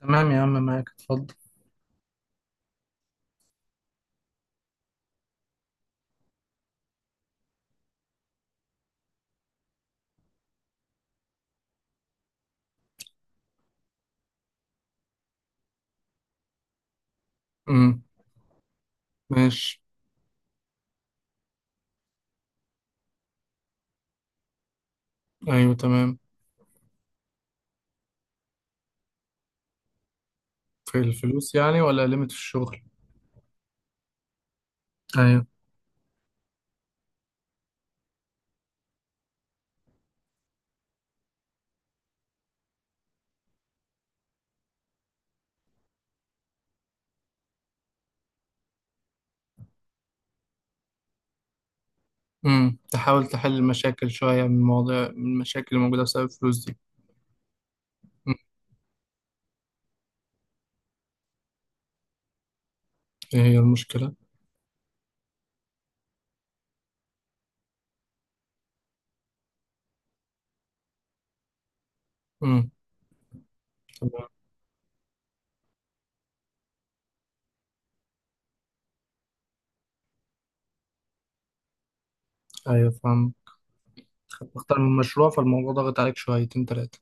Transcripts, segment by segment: تمام يا عم، معاك، اتفضل. امم. ماشي. ايوه، تمام. في الفلوس يعني ولا ليميت في الشغل؟ ايوه. امم، تحاول تحل المشاكل شويه، من المشاكل اللي موجوده بسبب الفلوس دي. مم. ايه هي المشكله؟ امم. تمام. ايوه، فاهم. اختار من مشروع، فالموضوع ضاغط عليك شويتين تلاتة.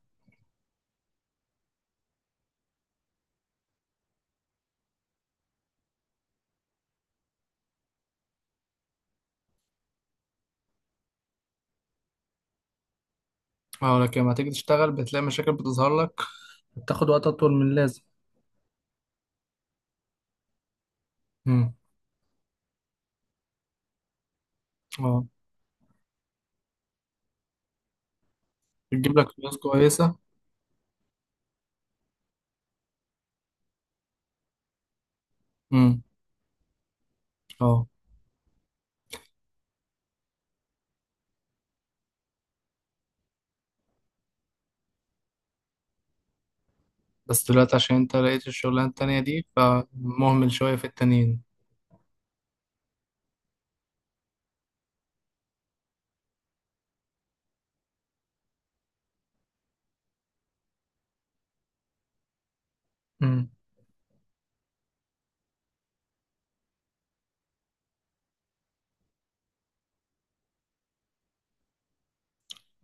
اه، لكن لما تيجي تشتغل بتلاقي مشاكل بتظهر لك، بتاخد وقت اطول من اللازم. امم. اه. بتجيب لك فلوس كويسه؟ امم. اه. بس دلوقتي عشان انت لقيت الشغلانه التانيه دي، فمهمل شويه في التانيين.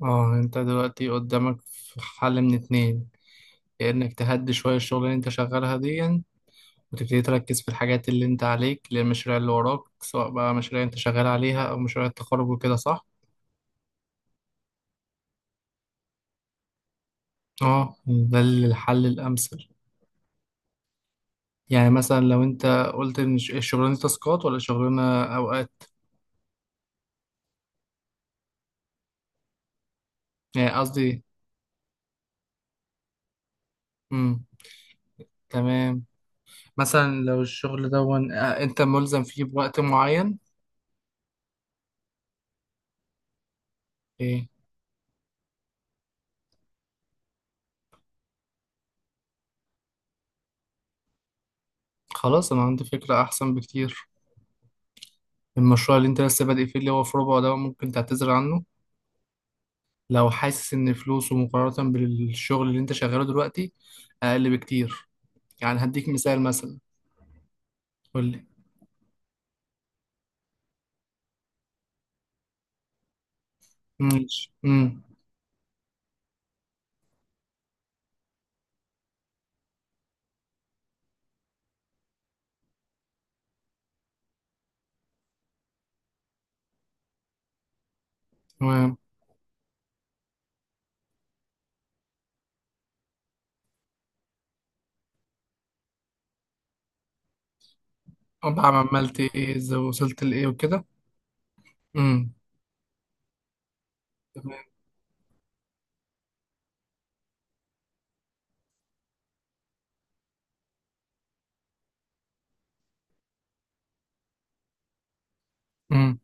اه، انت دلوقتي قدامك في حل من اتنين: يا انك تهدي شوية الشغل اللي انت شغالها دي، وتبتدي تركز في الحاجات اللي انت عليك للمشاريع اللي وراك، سواء بقى مشاريع انت شغال عليها او مشاريع التخرج وكده، صح؟ اه، ده الحل الامثل. يعني مثلا لو انت قلت ان الشغلانة دي تاسكات ولا شغلانة اوقات. يعني قصدي. امم. تمام. مثلا لو الشغل ده ون... آه، انت ملزم فيه بوقت معين. ايه. خلاص، انا عندي فكرة احسن بكتير. المشروع اللي انت لسه بادئ فيه، اللي هو في ربع ده، ممكن تعتذر عنه لو حاسس ان فلوسه مقارنة بالشغل اللي انت شغاله دلوقتي اقل بكتير. يعني هديك مثال مثلا. قول لي. ماشي. امم. تمام. طب عملت ايه؟ ازاي وصلت لايه وكده؟ امم. تمام. امم.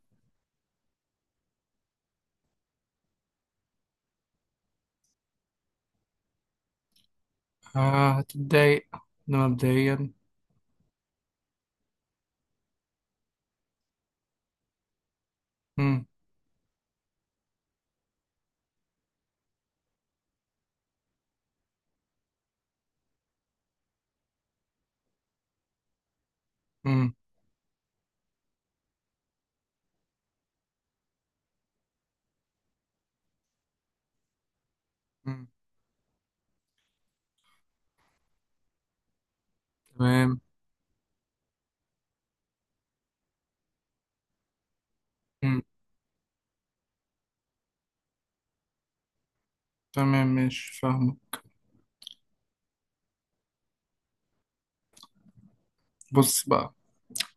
آه، هتتضايق. ده مبدئيا. امم. امم. امم. تمام. امم. تمام، ماشي، فاهمه. بص بقى،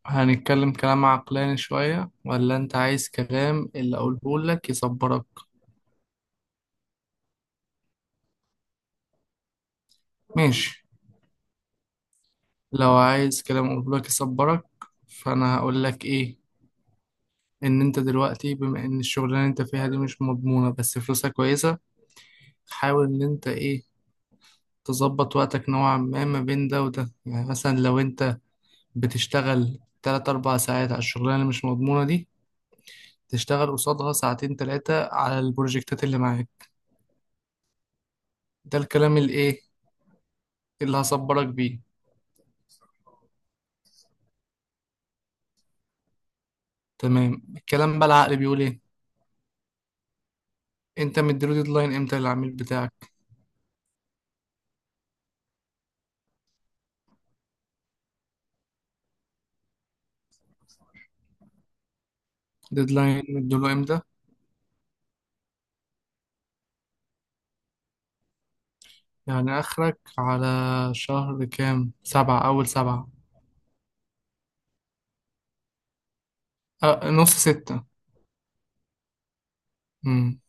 هنتكلم كلام عقلاني شوية ولا انت عايز كلام اللي اقوله لك يصبرك؟ ماشي. لو عايز كلام قلبك يصبرك، فانا هقول لك ايه: ان انت دلوقتي بما ان الشغلانه اللي انت فيها دي مش مضمونه بس فلوسها كويسه، حاول ان انت ايه، تظبط وقتك نوعا ما ما بين ده وده. يعني مثلا لو انت بتشتغل 3 4 ساعات على الشغلانه اللي مش مضمونه دي، تشتغل قصادها ساعتين ثلاثه على البروجكتات اللي معاك. ده الكلام الايه اللي هصبرك بيه. تمام. الكلام بقى العقل بيقول ايه. انت مديله ديدلاين امتى للعميل بتاعك؟ ديدلاين مديله امتى؟ يعني آخرك على شهر كام، سبعة، أول سبعة؟ أه، نص ستة. مم.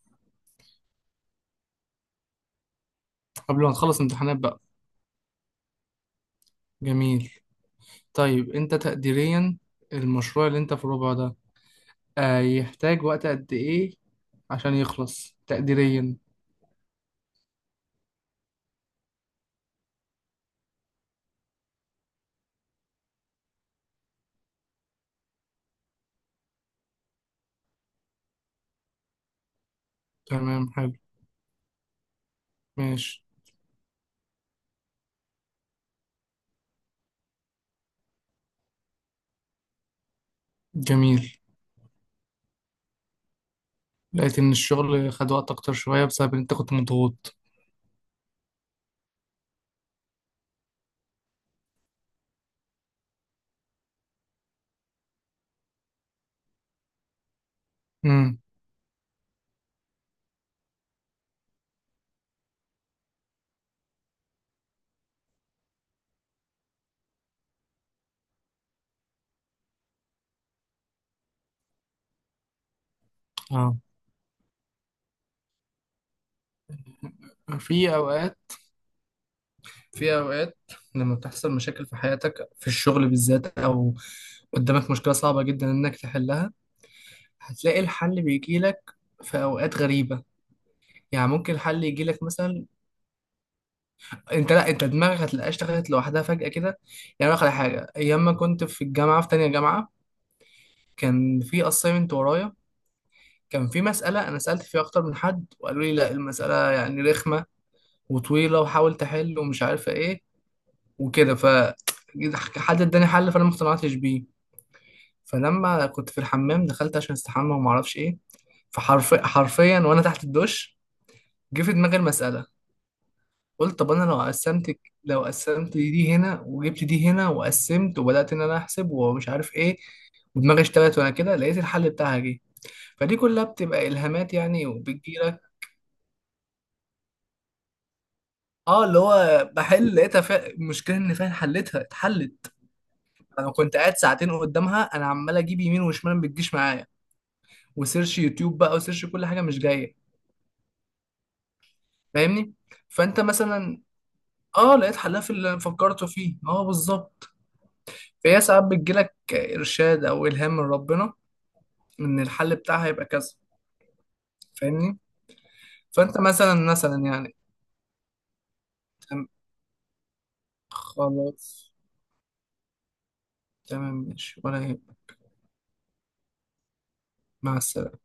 قبل ما تخلص امتحانات بقى. جميل. طيب أنت تقديريا، المشروع اللي أنت في الربع ده يحتاج وقت قد إيه عشان يخلص تقديريا؟ تمام، حلو. ماشي. جميل. لقيت إن الشغل خد وقت أكتر شوية بسبب إن أنت كنت مضغوط. مم. اه. في أوقات في أوقات لما بتحصل مشاكل في حياتك، في الشغل بالذات، أو قدامك مشكلة صعبة جدا إنك تحلها، هتلاقي الحل بيجيلك في أوقات غريبة. يعني ممكن الحل يجيلك مثلا، أنت دماغك هتلاقيها اشتغلت لوحدها فجأة كده. يعني أقول لك على حاجة، أيام ما كنت في الجامعة في تانية جامعة، كان في أسايمنت ورايا، كان في مسألة أنا سألت فيها أكتر من حد وقالوا لي لأ، المسألة يعني رخمة وطويلة وحاول تحل ومش عارفة إيه وكده، ف حد اداني حل فأنا ما اقتنعتش بيه. فلما كنت في الحمام، دخلت عشان استحمى وما اعرفش ايه، فحرفيا حرفيا وانا تحت الدش جه في دماغي المساله. قلت طب انا لو قسمت دي هنا وجبت دي هنا وقسمت وبدات ان انا احسب ومش عارف ايه، ودماغي اشتغلت وانا كده لقيت الحل بتاعها جه. فدي كلها بتبقى الهامات يعني وبتجيلك. اه، اللي هو بحل لقيتها، المشكله ان فعلا حلتها اتحلت. انا كنت قاعد ساعتين قدامها، انا عمال اجيب يمين وشمال ما بتجيش معايا، وسيرش يوتيوب بقى وسيرش كل حاجه مش جايه. فاهمني؟ فانت مثلا، اه لقيت حلها في اللي فكرته فيه، اه بالظبط. فهي ساعات بتجيلك ارشاد او الهام من ربنا ان الحل بتاعها يبقى كذا. فاهمني؟ فانت مثلا مثلا يعني. تم- خلاص. تمام ماشي، ولا يهمك. مع السلامه.